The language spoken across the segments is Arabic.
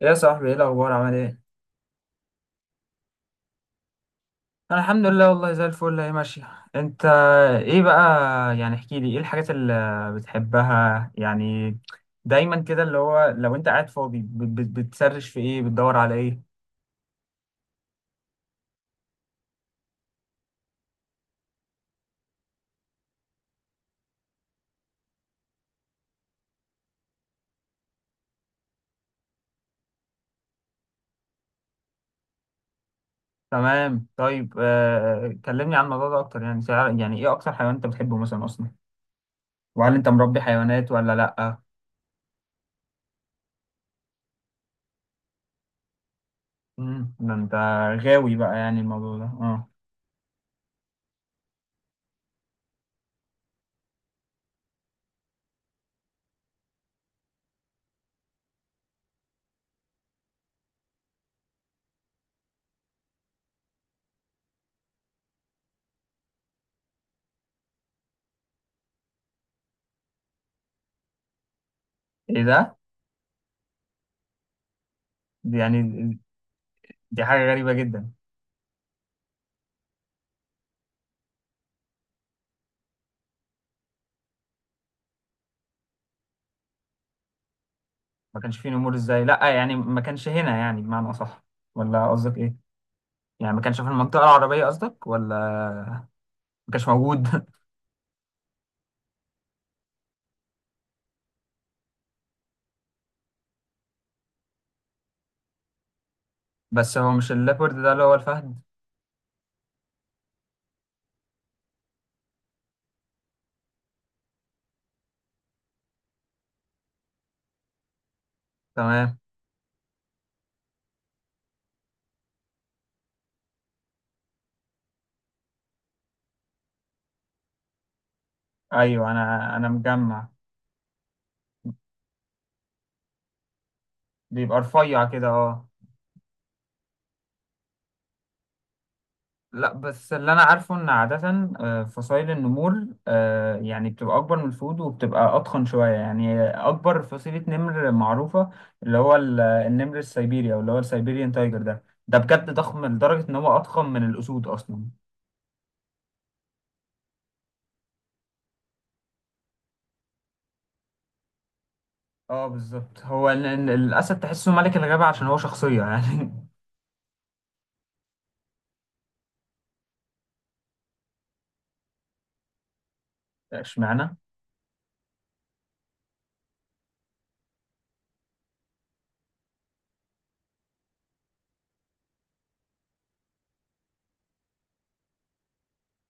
يا صاحبي، ايه الاخبار؟ عامل ايه؟ انا الحمد لله والله، زي الفل. هي ماشيه. انت ايه بقى؟ يعني احكي لي، ايه الحاجات اللي بتحبها؟ يعني دايما كده، اللي هو لو انت قاعد فاضي بتسرش في ايه؟ بتدور على ايه؟ تمام. طيب، كلمني عن الموضوع ده اكتر. يعني يعني ايه اكتر حيوان انت بتحبه مثلا اصلا؟ وهل انت مربي حيوانات ولا لا؟ ده انت غاوي بقى، يعني الموضوع ده اه؟ ايه ده؟ دي يعني، دي حاجه غريبه جدا. ما كانش فيه نمور ازاي؟ لا يعني ما كانش هنا، يعني بمعنى اصح، ولا قصدك ايه؟ يعني ما كانش في المنطقه العربيه قصدك، ولا ما كانش موجود؟ بس هو مش الليبرد ده اللي هو الفهد؟ تمام. ايوه، انا مجمع. بيبقى رفيع كده، اه. لا، بس اللي انا عارفه ان عاده فصائل النمور يعني بتبقى اكبر من الفهود وبتبقى اضخم شويه، يعني اكبر فصيله نمر معروفه. اللي هو النمر السيبيري، او اللي هو السيبيريان تايجر، ده بجد ضخم لدرجه ان هو اضخم من الاسود اصلا. اه بالظبط، هو الاسد تحسه ملك الغابة عشان هو شخصية يعني. اشمعنى؟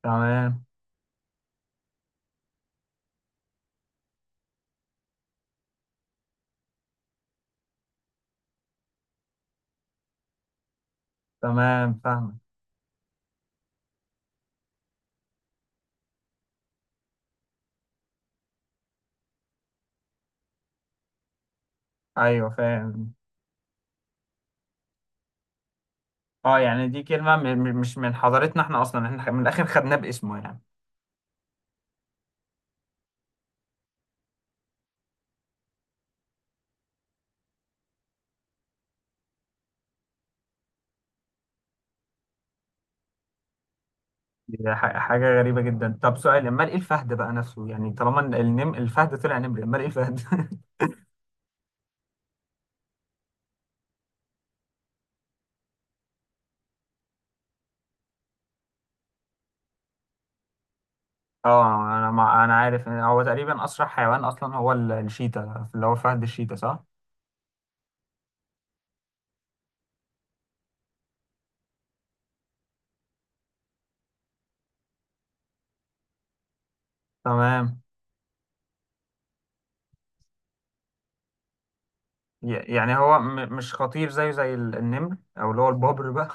تمام. تمام فاهم. ايوه فاهم. اه، يعني دي كلمة مش من حضارتنا احنا اصلا، احنا من الاخر خدناه باسمه يعني. دي حاجة غريبة جدا. طب سؤال، امال ايه الفهد بقى نفسه؟ يعني طالما ال- النم الفهد طلع نمر، امال ايه الفهد؟ اه، انا عارف إن هو تقريبا اسرع حيوان اصلا، هو الشيتا، اللي هو فهد الشيتا، صح؟ تمام. يعني هو مش خطير زيه زي النمر، او اللي هو البابر بقى.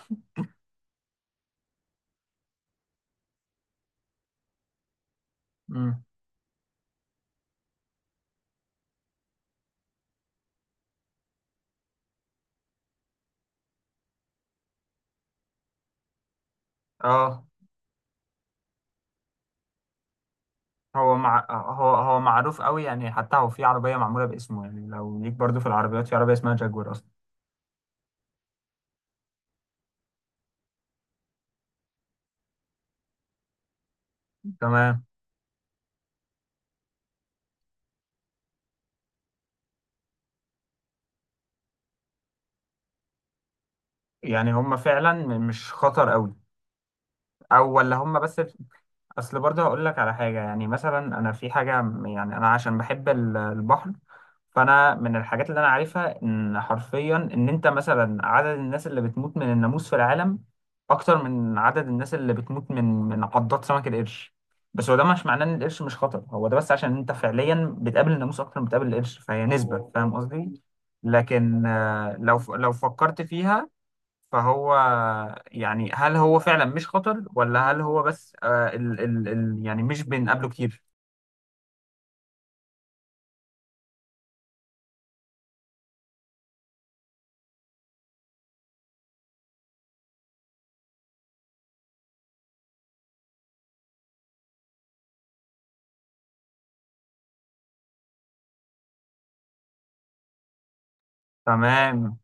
مم. اه. هو مع هو هو معروف قوي يعني، حتى هو في عربيه معموله باسمه، يعني لو ليك، برضو في العربيات في عربيه اسمها جاكوار اصلا. تمام. يعني هم فعلا مش خطر قوي، او ولا هم بس؟ اصل برضه هقول لك على حاجه، يعني مثلا انا في حاجه يعني انا عشان بحب البحر. فانا من الحاجات اللي انا عارفها، ان حرفيا ان انت مثلا عدد الناس اللي بتموت من الناموس في العالم اكتر من عدد الناس اللي بتموت من عضات سمك القرش. بس هو ده مش معناه ان القرش مش خطر، هو ده بس عشان انت فعليا بتقابل الناموس اكتر من بتقابل القرش، فهي نسبه، فاهم قصدي؟ لكن لو فكرت فيها فهو، يعني هل هو فعلا مش خطر، ولا هل هو بس آه ال ال ال يعني مش بنقابله كتير؟ تمام.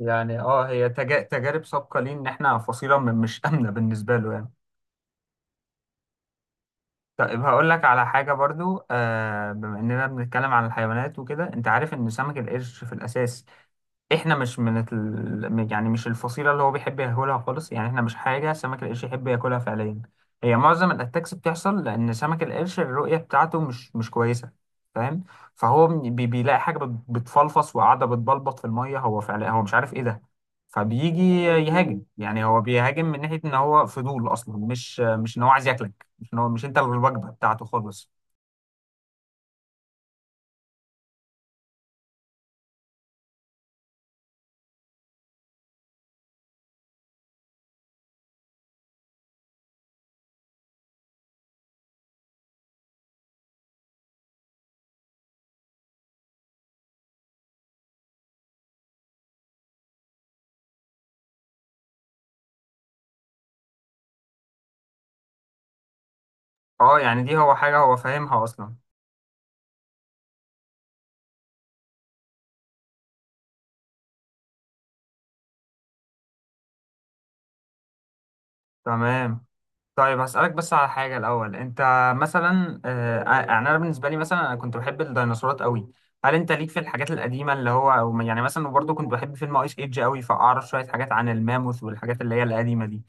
يعني اه، هي تجارب سابقة ليه ان احنا فصيلة مش آمنة بالنسبة له يعني. طيب هقول لك على حاجة برضو، بما اننا بنتكلم عن الحيوانات وكده، انت عارف ان سمك القرش في الاساس، احنا مش من يعني مش الفصيله اللي هو بيحب ياكلها خالص، يعني احنا مش حاجه سمك القرش يحب ياكلها فعليا. هي معظم الاتاكس بتحصل لان سمك القرش الرؤيه بتاعته مش كويسه، فاهم؟ فهو بيلاقي حاجه بتفلفص وقاعده بتبلبط في الميه، هو فعلا هو مش عارف ايه ده. فبيجي يهاجم، يعني هو بيهاجم من ناحيه ان هو فضول اصلا، مش ان هو عايز ياكلك، مش ان هو، مش انت الوجبه بتاعته خالص. اه، يعني دي هو حاجه هو فاهمها اصلا. تمام. طيب هسألك بس على حاجة الأول، أنت مثلا، يعني أنا بالنسبة لي، مثلا أنا كنت بحب الديناصورات قوي. هل أنت ليك في الحاجات القديمة، اللي هو أو يعني مثلا، وبرضه كنت بحب فيلم أيس إيدج قوي فأعرف شوية حاجات عن الماموث والحاجات اللي هي القديمة دي.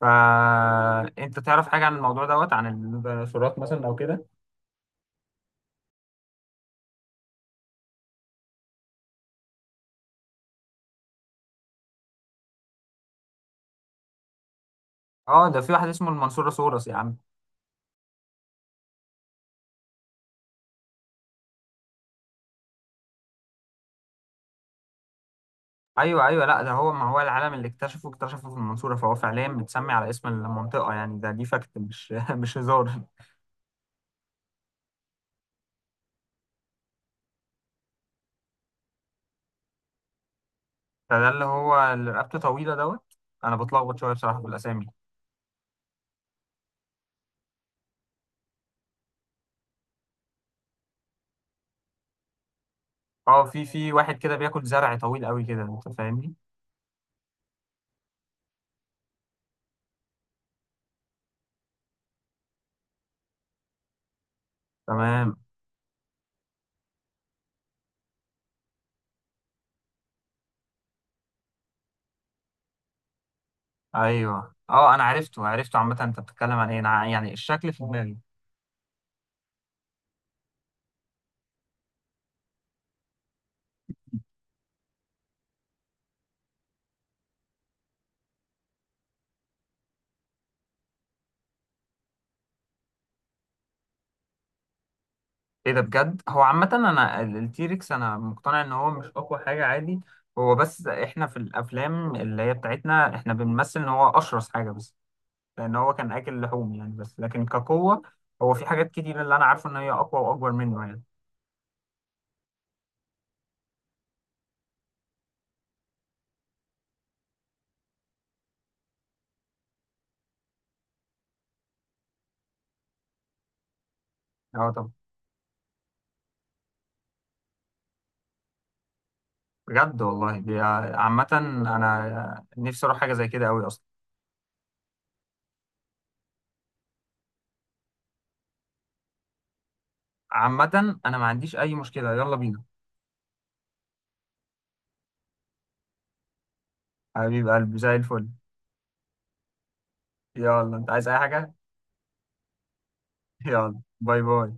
فأنت تعرف حاجة عن الموضوع دوت عن الديناصورات مثلا أو كده؟ أه، ده في واحد اسمه المنصورة سورس يا عم. أيوه، أيوه، لا ده هو، ما هو العالم اللي اكتشفه في المنصورة، فهو فعليا متسمي على اسم المنطقة يعني. ده دي فاكت مش مش هزار. فده اللي هو اللي رقبته طويله دوت. انا بتلخبط شويه بصراحه في الاسامي. اه، في واحد كده بياكل زرع طويل قوي كده، انت فاهمني. تمام. ايوه اه، انا عرفته عرفته عامه، انت بتتكلم عن ايه، انا يعني الشكل في دماغي. ايه ده بجد؟ هو عامه، انا التيركس انا مقتنع ان هو مش اقوى حاجه، عادي. هو بس احنا في الافلام اللي هي بتاعتنا احنا بنمثل ان هو اشرس حاجه بس. لان هو كان اكل لحوم يعني، بس لكن كقوه، هو في حاجات كتير اللي انا عارفه ان هي اقوى واكبر منه يعني. اه بجد والله، دي عامة أنا نفسي أروح حاجة زي كده أوي أصلا. عامة أنا ما عنديش أي مشكلة، يلا بينا. حبيب قلبي، زي الفل. يلا، أنت عايز أي حاجة؟ يلا، باي باي.